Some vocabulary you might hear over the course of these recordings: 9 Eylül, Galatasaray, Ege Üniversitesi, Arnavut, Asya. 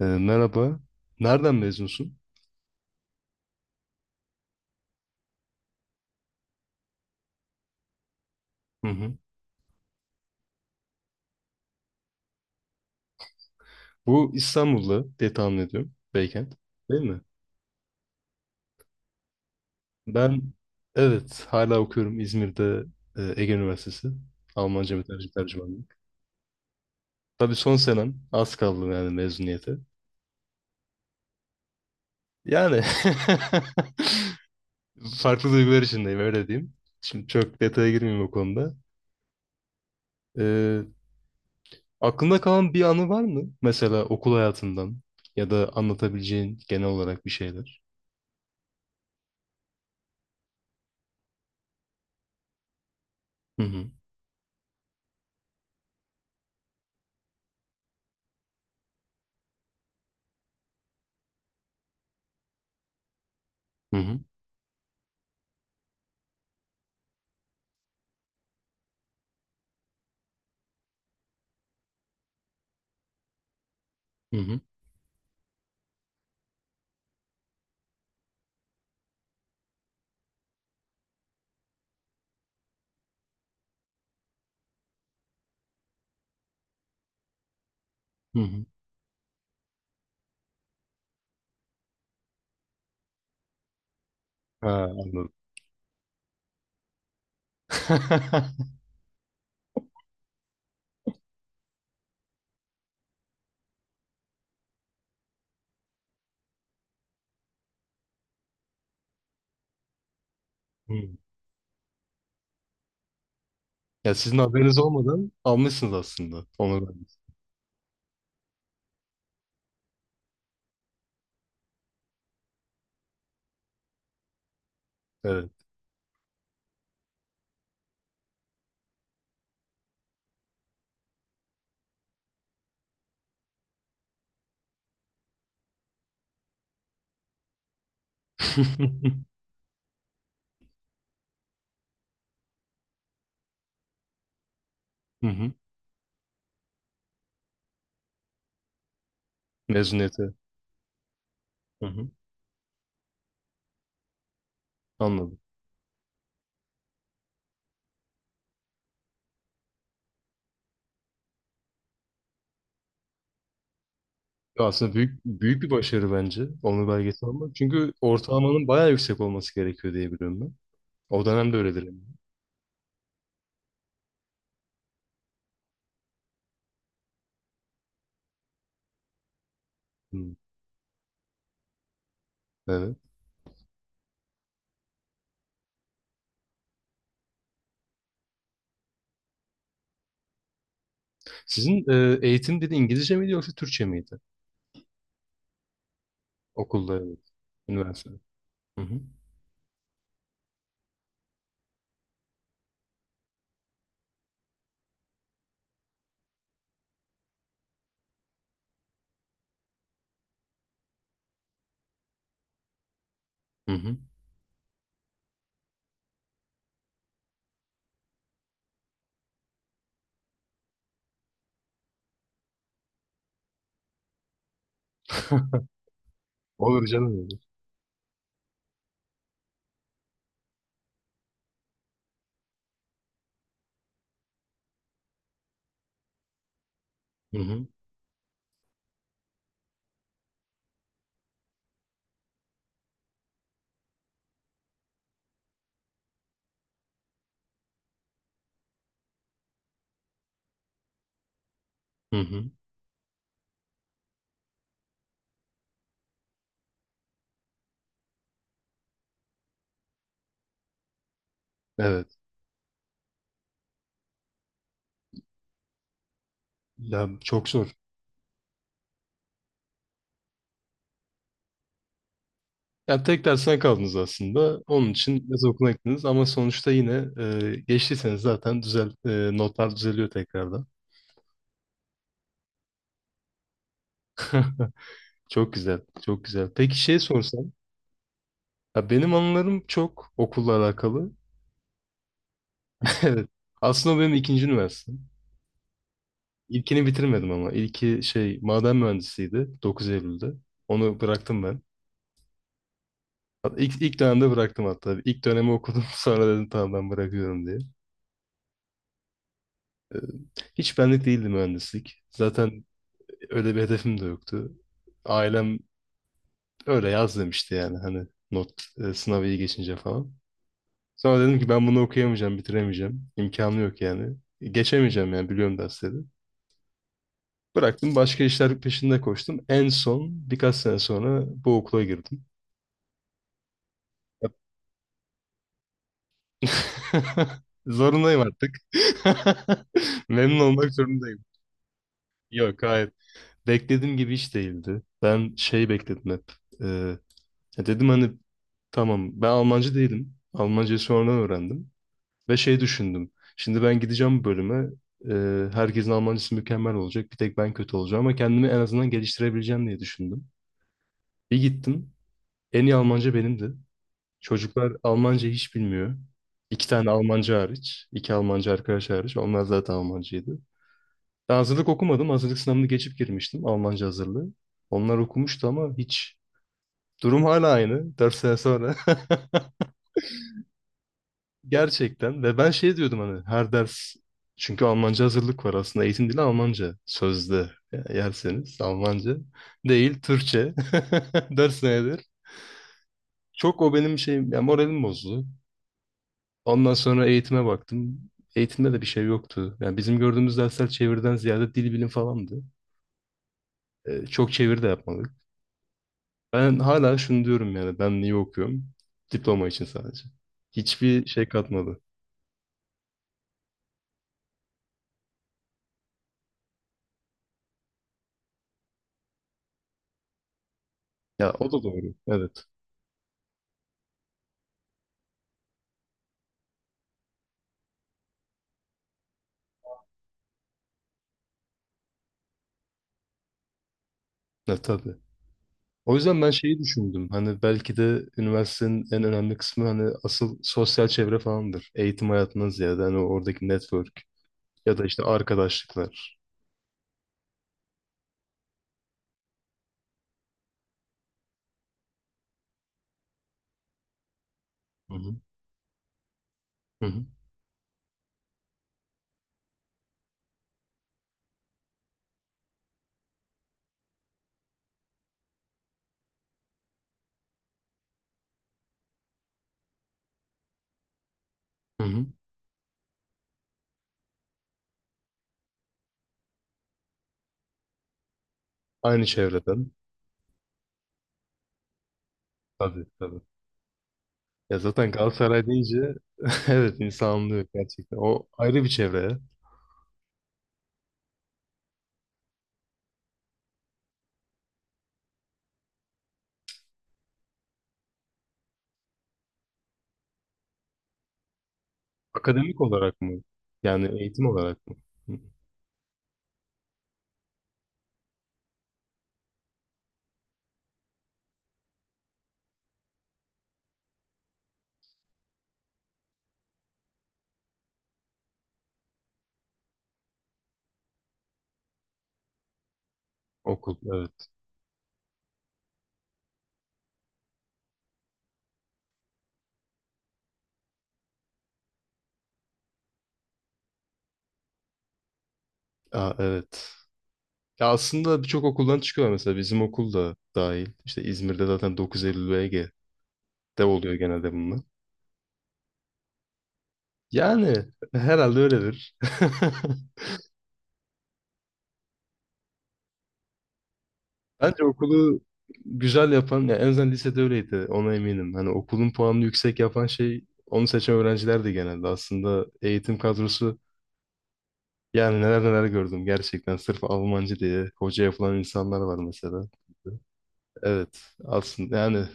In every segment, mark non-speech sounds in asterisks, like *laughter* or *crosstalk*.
Merhaba. Nereden mezunsun? Hı hı. Bu İstanbul'da diye tahmin ediyorum. Beykent. Değil mi? Ben, evet, hala okuyorum İzmir'de, Ege Üniversitesi. Almanca ve tercümanlık. Tabii son senem. Az kaldı yani mezuniyete. Yani *laughs* farklı duygular içindeyim, öyle diyeyim. Şimdi çok detaya girmeyeyim o konuda. Ee, Aklında kalan bir anı var mı? Mesela okul hayatından ya da anlatabileceğin genel olarak bir şeyler. Hı hı. Hı hı. Hı hı. Hı hı. Ha, anladım. *laughs* Hı. Ya sizin haberiniz olmadan almışsınız aslında onu, onurlarınızı. Evet. *laughs* Hı hı. Mezuniyete. Hı hı. Anladım. Ya aslında büyük büyük bir başarı bence onur belgesi almak. Çünkü ortalamanın bayağı yüksek olması gerekiyor diye biliyorum ben. O dönemde öyledir yani. Hı. Evet. Sizin eğitim dedi İngilizce miydi yoksa Türkçe miydi? Okulda, evet. Üniversitede. Hı hı. Hı hı. *laughs* Olur canım, olur. Hı hı. Hı hı. Evet. Ya çok zor. Yani tek dersten kaldınız aslında. Onun için yaz okuluna gittiniz ama sonuçta yine geçtiyseniz zaten notlar düzeliyor tekrardan. *laughs* Çok güzel, çok güzel. Peki şey sorsam, ya benim anılarım çok okulla alakalı. *laughs* Evet, aslında o benim ikinci üniversitem. İlkini bitirmedim ama. İlki şey, maden mühendisiydi, 9 Eylül'de. Onu bıraktım ben. Hatta ilk dönemde bıraktım hatta. İlk dönemi okudum *laughs* sonra dedim tamam ben bırakıyorum diye. Hiç benlik değildi mühendislik. Zaten öyle bir hedefim de yoktu. Ailem öyle yaz demişti yani, hani not, sınavı iyi geçince falan. Sonra dedim ki ben bunu okuyamayacağım, bitiremeyeceğim. İmkanı yok yani. Geçemeyeceğim yani, biliyorum dersleri. Bıraktım, başka işler peşinde koştum. En son birkaç sene sonra bu okula girdim. *laughs* Zorundayım artık. *laughs* Memnun olmak zorundayım. Yok, hayır. Beklediğim gibi hiç değildi. Ben şey bekledim hep. Ee, Ya dedim hani, tamam. Ben Almancı değilim. Almancayı sonradan öğrendim. Ve şey düşündüm. Şimdi ben gideceğim bu bölüme. Herkesin Almancısı mükemmel olacak. Bir tek ben kötü olacağım ama kendimi en azından geliştirebileceğim diye düşündüm. Bir gittim. En iyi Almanca benimdi. Çocuklar Almanca hiç bilmiyor. İki tane Almanca hariç. İki Almanca arkadaş hariç. Onlar zaten Almancıydı. Ben hazırlık okumadım. Hazırlık sınavını geçip girmiştim. Almanca hazırlığı. Onlar okumuştu ama hiç. Durum hala aynı. Dört sene sonra. *laughs* Gerçekten, ve ben şey diyordum hani her ders, çünkü Almanca hazırlık var, aslında eğitim dili Almanca sözde. Yerseniz, Almanca değil, Türkçe *laughs* ders nedir? Çok o benim şeyim yani, moralim bozdu. Ondan sonra eğitime baktım. Eğitimde de bir şey yoktu. Yani bizim gördüğümüz dersler çeviriden ziyade dil bilim falandı. Çok çeviri de yapmadık. Ben hala şunu diyorum yani, ben niye okuyorum? Diploma için sadece. Hiçbir şey katmadı. Ya o da doğru. Evet. Evet, tabii. O yüzden ben şeyi düşündüm. Hani belki de üniversitenin en önemli kısmı hani asıl sosyal çevre falandır. Eğitim hayatından ziyade hani oradaki network ya da işte arkadaşlıklar. Hı hı. Hı hı. Hı hı. Aynı çevreden. Tabii, tabii. Ya zaten Galatasaray deyince *laughs* evet, insan anlıyor gerçekten. O ayrı bir çevre ya. Akademik olarak mı? Yani eğitim olarak mı? Hı. Okul, evet. Aa, evet. Ya aslında birçok okuldan çıkıyor mesela, bizim okul da dahil. İşte İzmir'de zaten 9 Eylül, VG. De oluyor genelde bunlar. Yani herhalde öyledir. *laughs* Bence okulu güzel yapan, ya en azından lisede öyleydi, ona eminim. Hani okulun puanını yüksek yapan şey onu seçen öğrencilerdi genelde. Aslında eğitim kadrosu yani, neler neler gördüm gerçekten. Sırf Almancı diye hoca yapılan insanlar var mesela. Evet aslında yani,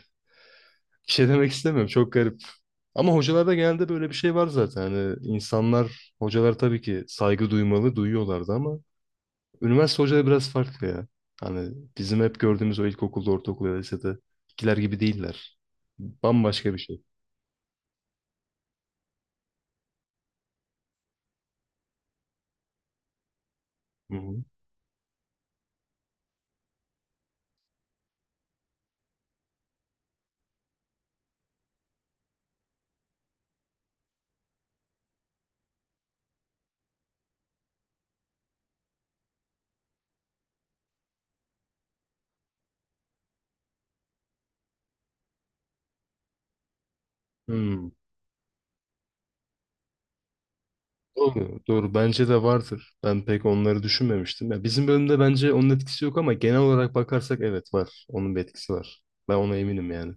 bir şey demek istemiyorum, çok garip. Ama hocalarda genelde böyle bir şey var zaten. Hani insanlar, hocalar tabii ki saygı duymalı, duyuyorlardı ama üniversite hocaları biraz farklı ya. Hani bizim hep gördüğümüz o ilkokulda, ortaokulda, lisede ikiler gibi değiller. Bambaşka bir şey. Hı hı. Hmm. Doğru, doğru. Bence de vardır. Ben pek onları düşünmemiştim. Ya bizim bölümde bence onun etkisi yok ama genel olarak bakarsak evet, var. Onun bir etkisi var. Ben ona eminim yani.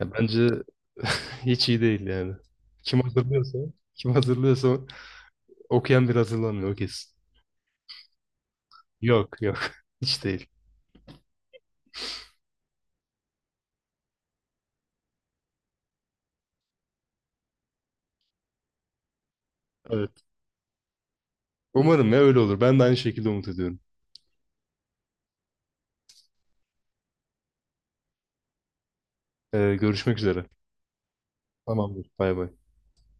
Ya bence *laughs* hiç iyi değil yani. Kim hazırlıyorsa, kim hazırlıyorsa okuyan bir hazırlanmıyor, o kesin. Yok, yok. *laughs* Hiç değil. Evet. Umarım ya, öyle olur. Ben de aynı şekilde umut ediyorum. Görüşmek üzere. Tamamdır. Bay bay.